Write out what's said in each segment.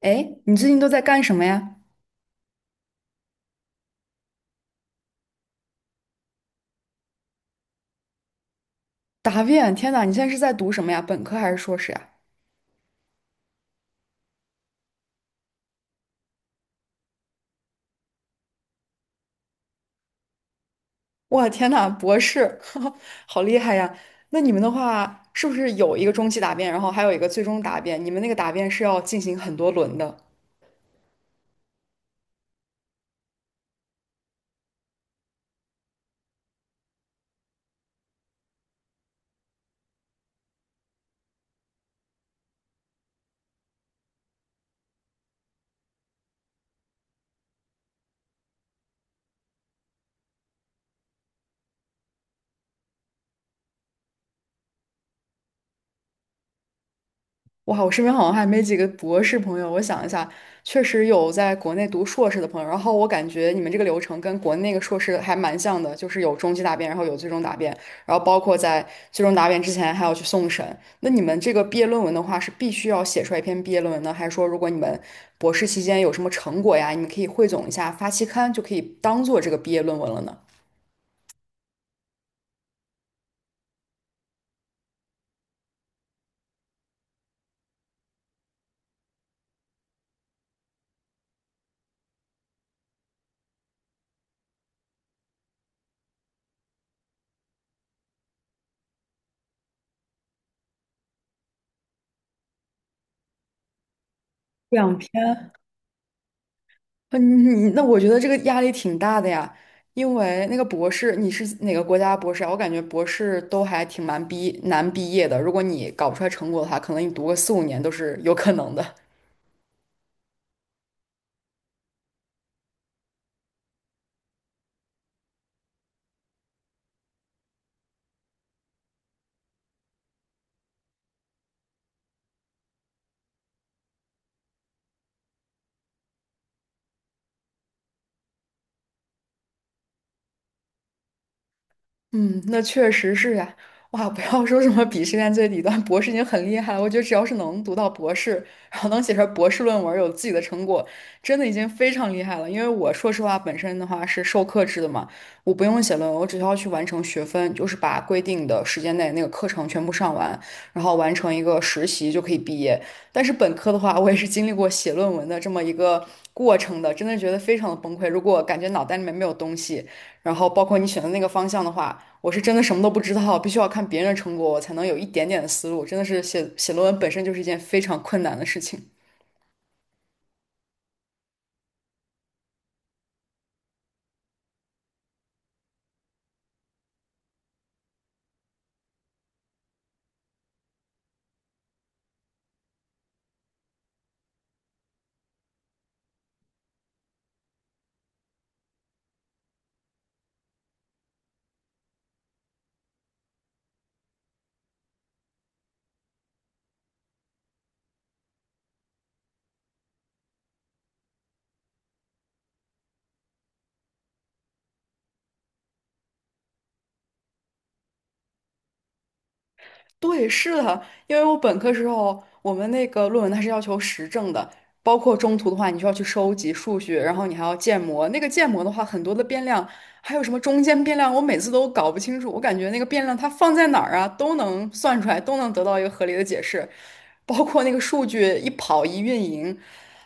哎，你最近都在干什么呀？答辩，天呐，你现在是在读什么呀？本科还是硕士呀？哇，天呐，博士，好厉害呀！那你们的话，是不是有一个中期答辩，然后还有一个最终答辩？你们那个答辩是要进行很多轮的？哇，我身边好像还没几个博士朋友。我想一下，确实有在国内读硕士的朋友。然后我感觉你们这个流程跟国内那个硕士还蛮像的，就是有中级答辩，然后有最终答辩，然后包括在最终答辩之前还要去送审。那你们这个毕业论文的话，是必须要写出来一篇毕业论文呢，还是说如果你们博士期间有什么成果呀，你们可以汇总一下发期刊，就可以当做这个毕业论文了呢？两篇，嗯，那我觉得这个压力挺大的呀，因为那个博士，你是哪个国家博士啊？我感觉博士都还挺蛮毕难毕业的，如果你搞不出来成果的话，可能你读个4、5年都是有可能的。嗯，那确实是呀、哇，不要说什么鄙视链最底端，博士已经很厉害了。我觉得只要是能读到博士，然后能写出来博士论文，有自己的成果，真的已经非常厉害了。因为我说实话，本身的话是授课制的嘛，我不用写论文，我只需要去完成学分，就是把规定的时间内那个课程全部上完，然后完成一个实习就可以毕业。但是本科的话，我也是经历过写论文的这么一个过程的，真的觉得非常的崩溃。如果感觉脑袋里面没有东西。然后包括你选的那个方向的话，我是真的什么都不知道，必须要看别人的成果，我才能有一点点的思路。真的是写论文本身就是一件非常困难的事情。对，是的，因为我本科时候，我们那个论文它是要求实证的，包括中途的话，你需要去收集数据，然后你还要建模。那个建模的话，很多的变量，还有什么中间变量，我每次都搞不清楚。我感觉那个变量它放在哪儿啊，都能算出来，都能得到一个合理的解释。包括那个数据一跑一运营。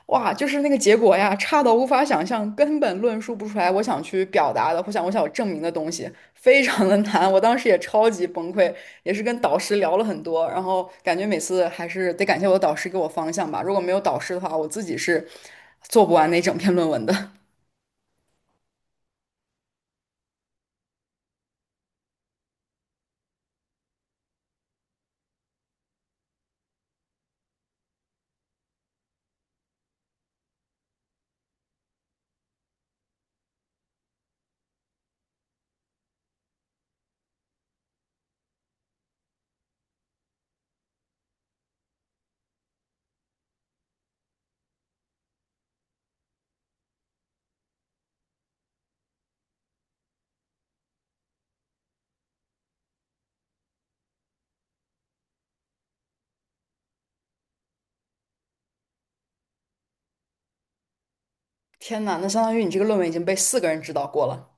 哇，就是那个结果呀，差到无法想象，根本论述不出来我想去表达的，或想我想要证明的东西，非常的难。我当时也超级崩溃，也是跟导师聊了很多，然后感觉每次还是得感谢我的导师给我方向吧。如果没有导师的话，我自己是做不完那整篇论文的。天呐，那相当于你这个论文已经被四个人指导过了。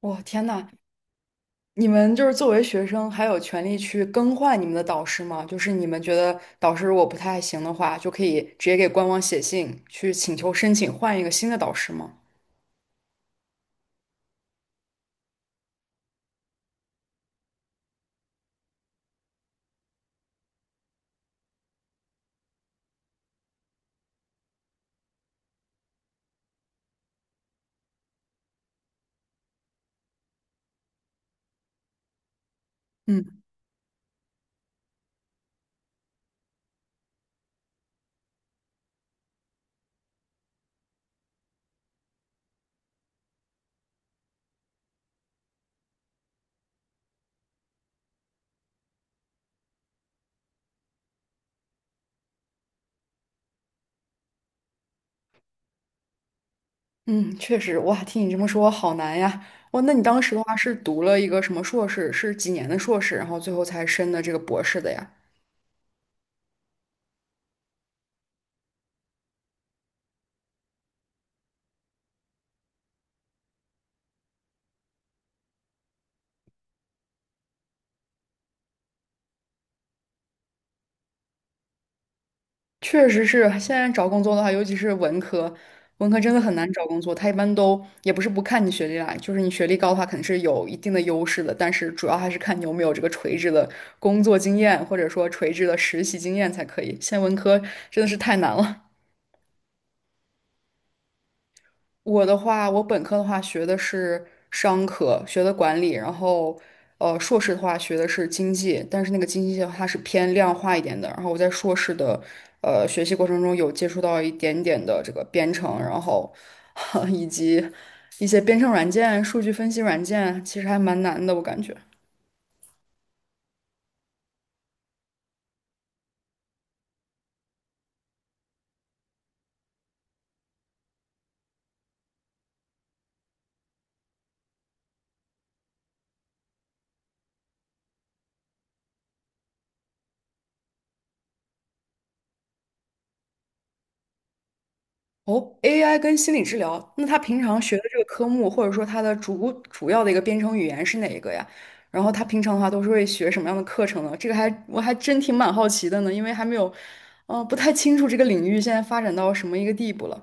哇，天呐，你们就是作为学生，还有权利去更换你们的导师吗？就是你们觉得导师如果不太行的话，就可以直接给官网写信去请求申请换一个新的导师吗？嗯嗯，确实，哇，听你这么说，好难呀。哇，那你当时的话是读了一个什么硕士？是几年的硕士，然后最后才申的这个博士的呀？确实是，现在找工作的话，尤其是文科，文科真的很难找工作。他一般都也不是不看你学历啦，就是你学历高的话，肯定是有一定的优势的，但是主要还是看你有没有这个垂直的工作经验，或者说垂直的实习经验才可以。现在文科真的是太难了。我的话，我本科的话学的是商科，学的管理，然后硕士的话学的是经济，但是那个经济的话它是偏量化一点的。然后我在硕士的学习过程中有接触到一点点的这个编程，然后 以及一些编程软件、数据分析软件，其实还蛮难的，我感觉。哦，AI 跟心理治疗，那他平常学的这个科目，或者说他的主要的一个编程语言是哪一个呀？然后他平常的话都是会学什么样的课程呢？这个我还真挺蛮好奇的呢，因为还没有，嗯、不太清楚这个领域现在发展到什么一个地步了。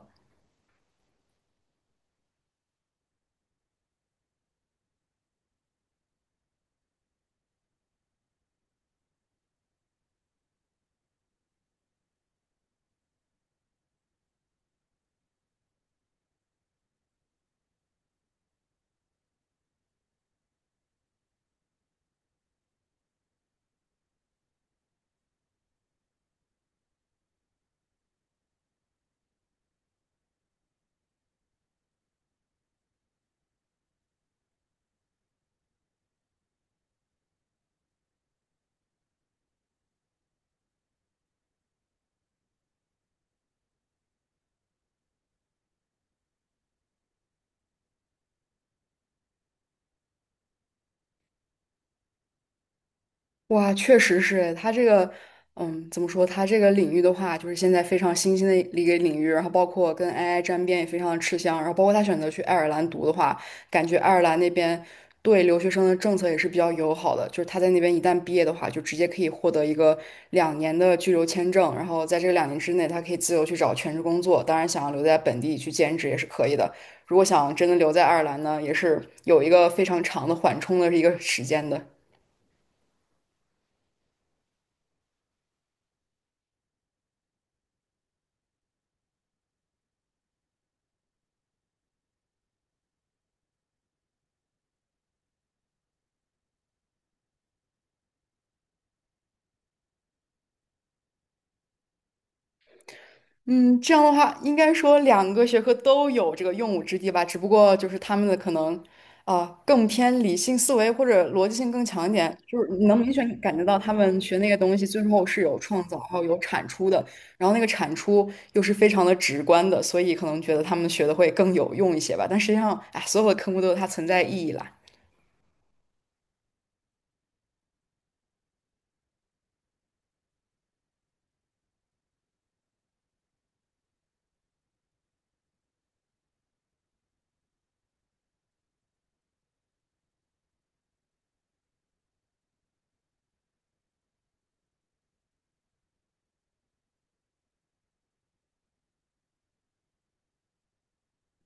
哇，确实是它这个，嗯，怎么说？它这个领域的话，就是现在非常新兴的一个领域，然后包括跟 AI 沾边也非常的吃香，然后包括他选择去爱尔兰读的话，感觉爱尔兰那边对留学生的政策也是比较友好的，就是他在那边一旦毕业的话，就直接可以获得一个两年的居留签证，然后在这个两年之内，他可以自由去找全职工作，当然想要留在本地去兼职也是可以的。如果想真的留在爱尔兰呢，也是有一个非常长的缓冲的一个时间的。嗯，这样的话，应该说两个学科都有这个用武之地吧，只不过就是他们的可能，啊、更偏理性思维或者逻辑性更强一点，就是你能明显感觉到他们学那个东西最后是有创造，还有有产出的，然后那个产出又是非常的直观的，所以可能觉得他们学的会更有用一些吧。但实际上，哎，所有的科目都有它存在意义啦。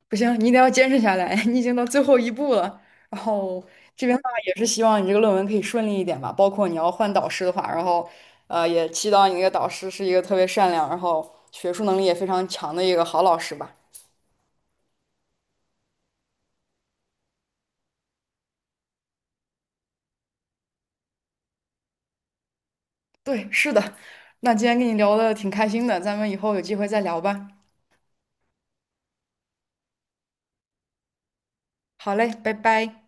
不行，你一定要坚持下来，你已经到最后一步了。然后这边的话也是希望你这个论文可以顺利一点吧，包括你要换导师的话，然后也祈祷你那个导师是一个特别善良，然后学术能力也非常强的一个好老师吧。对，是的。那今天跟你聊的挺开心的，咱们以后有机会再聊吧。好嘞，拜拜。